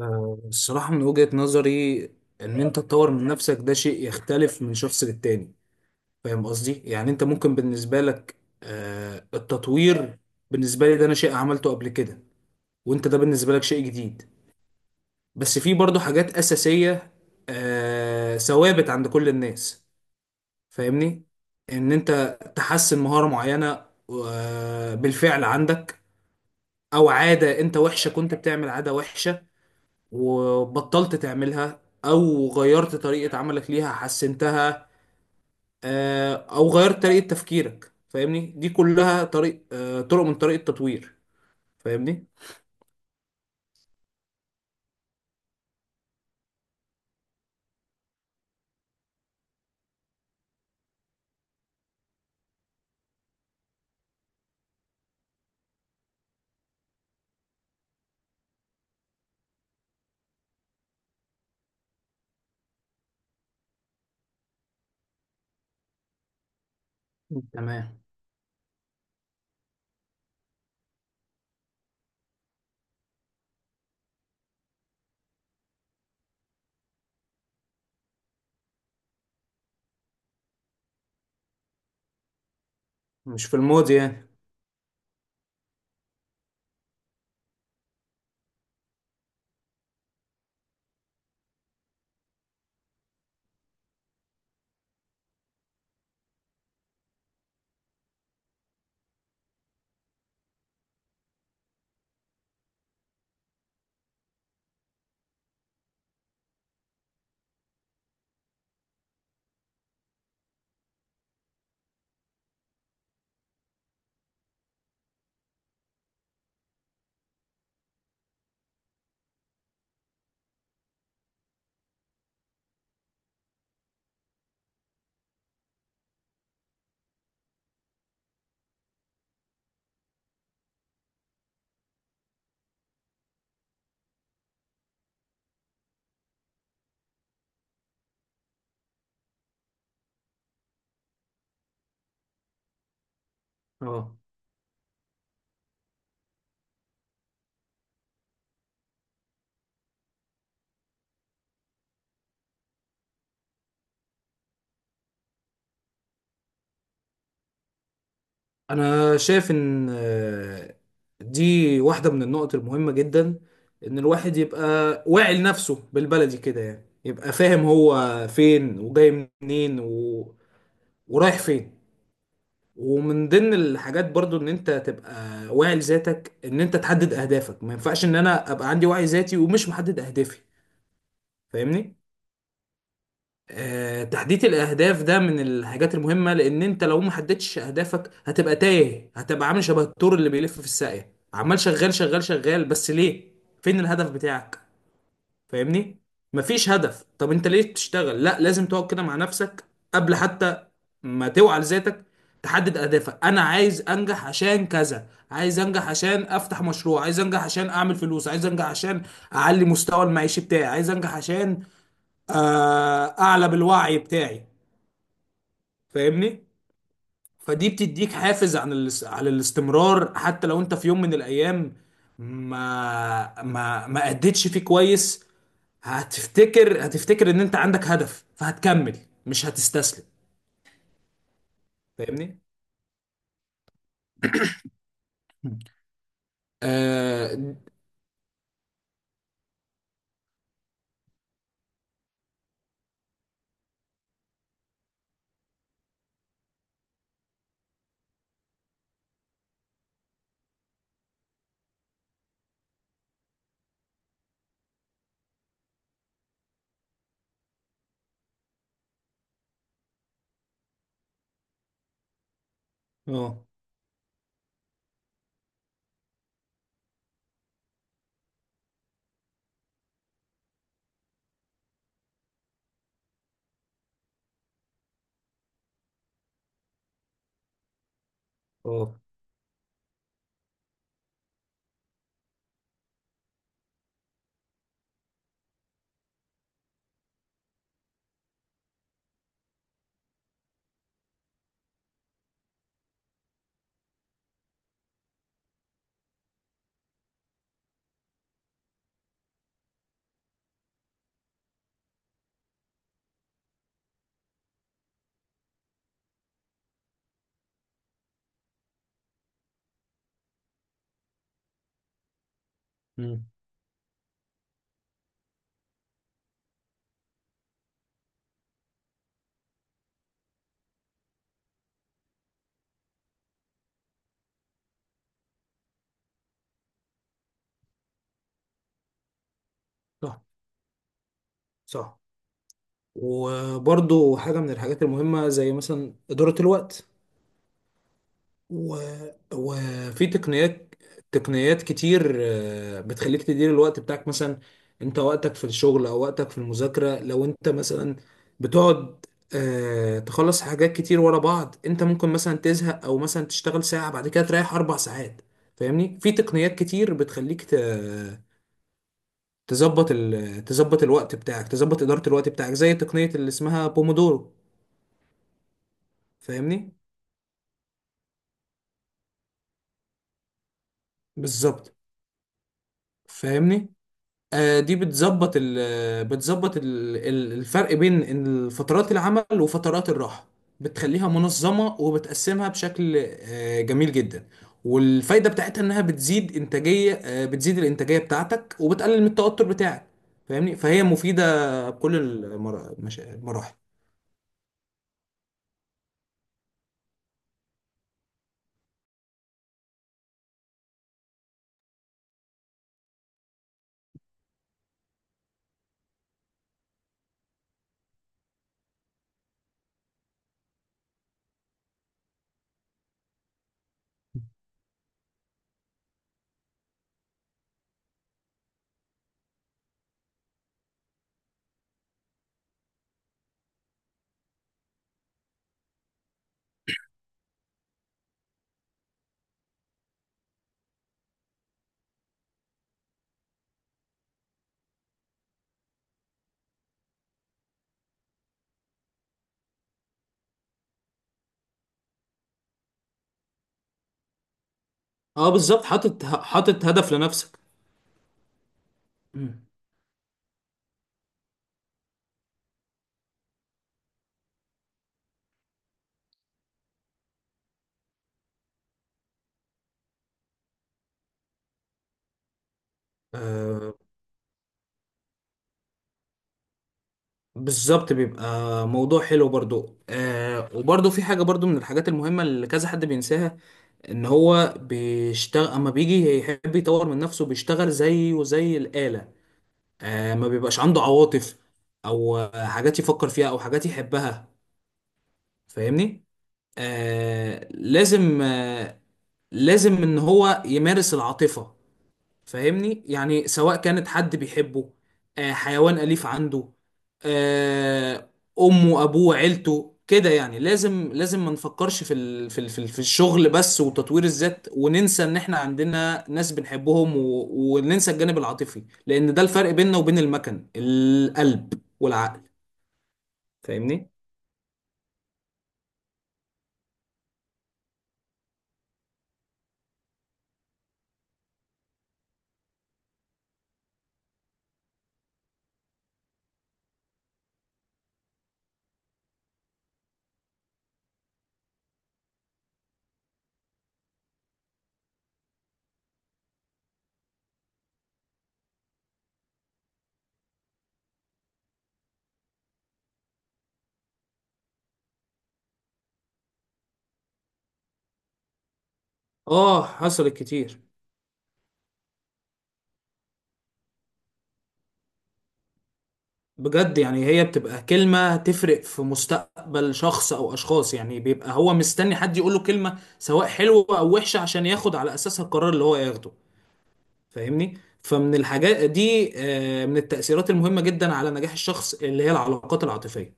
الصراحة من وجهة نظري، إن أنت تطور من نفسك ده شيء يختلف من شخص للتاني. فاهم قصدي؟ يعني أنت ممكن بالنسبة لك التطوير. بالنسبة لي ده أنا شيء عملته قبل كده، وأنت ده بالنسبة لك شيء جديد. بس في برضه حاجات أساسية، ثوابت عند كل الناس. فاهمني؟ إن أنت تحسن مهارة معينة بالفعل عندك، أو عادة أنت وحشة، كنت بتعمل عادة وحشة وبطلت تعملها او غيرت طريقة عملك ليها حسنتها، او غيرت طريقة تفكيرك. فاهمني؟ دي كلها طريق، طرق من طريق التطوير. فاهمني؟ تمام. مش في الماضي يعني. اه، انا شايف ان دي واحدة من النقط المهمة جدا، ان الواحد يبقى واعي لنفسه، بالبلدي كده يعني يبقى فاهم هو فين وجاي منين ورايح فين. ومن ضمن الحاجات برضو ان انت تبقى واعي لذاتك، ان انت تحدد اهدافك. ما ينفعش ان انا ابقى عندي وعي ذاتي ومش محدد اهدافي، فاهمني؟ آه، تحديد الاهداف ده من الحاجات المهمة، لان انت لو ما حددتش اهدافك هتبقى تايه، هتبقى عامل شبه الثور اللي بيلف في الساقية، عمال شغال شغال شغال، بس ليه؟ فين الهدف بتاعك؟ فاهمني؟ مفيش هدف. طب انت ليه بتشتغل؟ لا، لازم تقعد كده مع نفسك قبل حتى ما توعى لذاتك، تحدد اهدافك. انا عايز انجح عشان كذا، عايز انجح عشان افتح مشروع، عايز انجح عشان اعمل فلوس، عايز انجح عشان اعلي مستوى المعيشي بتاعي، عايز انجح عشان اعلى بالوعي بتاعي. فاهمني؟ فدي بتديك حافز على الاستمرار، حتى لو انت في يوم من الايام ما اديتش فيه كويس، هتفتكر، هتفتكر ان انت عندك هدف فهتكمل، مش هتستسلم. فاهمني؟ مم. اه. اه. آه. مم. صح. صح. وبرضو حاجة من الحاجات المهمة زي مثلا إدارة الوقت. و... وفي تقنيات كتير بتخليك تدير الوقت بتاعك. مثلا انت وقتك في الشغل او وقتك في المذاكرة، لو انت مثلا بتقعد تخلص حاجات كتير ورا بعض، انت ممكن مثلا تزهق، او مثلا تشتغل ساعة بعد كده تريح اربع ساعات. فاهمني؟ في تقنيات كتير بتخليك تظبط تظبط الوقت بتاعك، تظبط إدارة الوقت بتاعك، زي تقنية اللي اسمها بومودورو. فاهمني؟ بالظبط. فاهمني؟ دي بتظبط الفرق بين إن فترات العمل وفترات الراحة، بتخليها منظمة وبتقسمها بشكل جميل جدا. والفايدة بتاعتها إنها بتزيد إنتاجية آه، بتزيد الإنتاجية بتاعتك وبتقلل من التوتر بتاعك. فاهمني؟ فهي مفيدة بكل المراحل. اه، بالظبط. حاطط هدف لنفسك. مم. آه بالظبط بيبقى موضوع حلو برضو. وبرضو في حاجة برضو من الحاجات المهمة اللي كذا حد بينساها، ان هو بيشتغل. اما بيجي يحب يطور من نفسه بيشتغل زيه وزي الآلة، ما بيبقاش عنده عواطف او حاجات يفكر فيها او حاجات يحبها. فاهمني؟ آه لازم آه لازم ان هو يمارس العاطفة. فاهمني؟ يعني سواء كانت حد بيحبه، حيوان أليف عنده، آه، أمه أبوه عيلته. كده يعني لازم، لازم ما نفكرش في الشغل بس وتطوير الذات وننسى إن إحنا عندنا ناس بنحبهم، وننسى الجانب العاطفي، لأن ده الفرق بيننا وبين المكن. القلب والعقل. فاهمني؟ حصلت كتير. بجد، يعني هي بتبقى كلمة تفرق في مستقبل شخص أو أشخاص، يعني بيبقى هو مستني حد يقوله كلمة سواء حلوة أو وحشة عشان ياخد على أساسها القرار اللي هو ياخده. فاهمني؟ فمن الحاجات دي، من التأثيرات المهمة جدا على نجاح الشخص، اللي هي العلاقات العاطفية.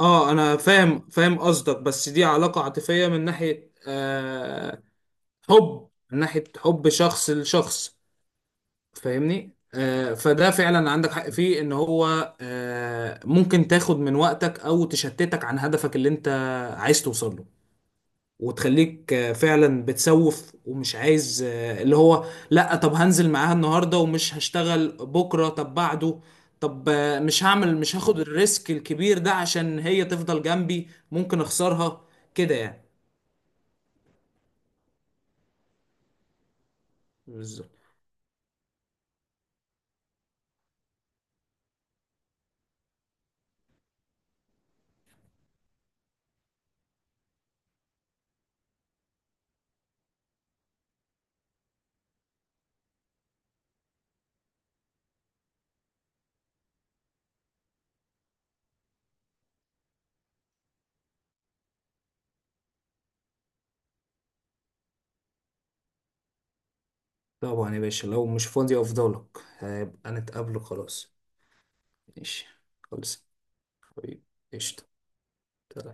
اه، أنا فاهم قصدك، بس دي علاقة عاطفية من ناحية حب، من ناحية حب شخص لشخص. فاهمني؟ فده فعلا عندك حق فيه، ان هو ممكن تاخد من وقتك او تشتتك عن هدفك اللي انت عايز توصل له، وتخليك فعلا بتسوف، ومش عايز اللي هو، لا طب هنزل معاها النهارده ومش هشتغل بكره، طب بعده، طب مش هاخد الريسك الكبير ده عشان هي تفضل جنبي، ممكن اخسرها. كده يعني. بالظبط. طبعا يا باشا. لو مش فاضي افضلك، هيبقى نتقابل. خلاص. ماشي. خلص. طيب. قشطة.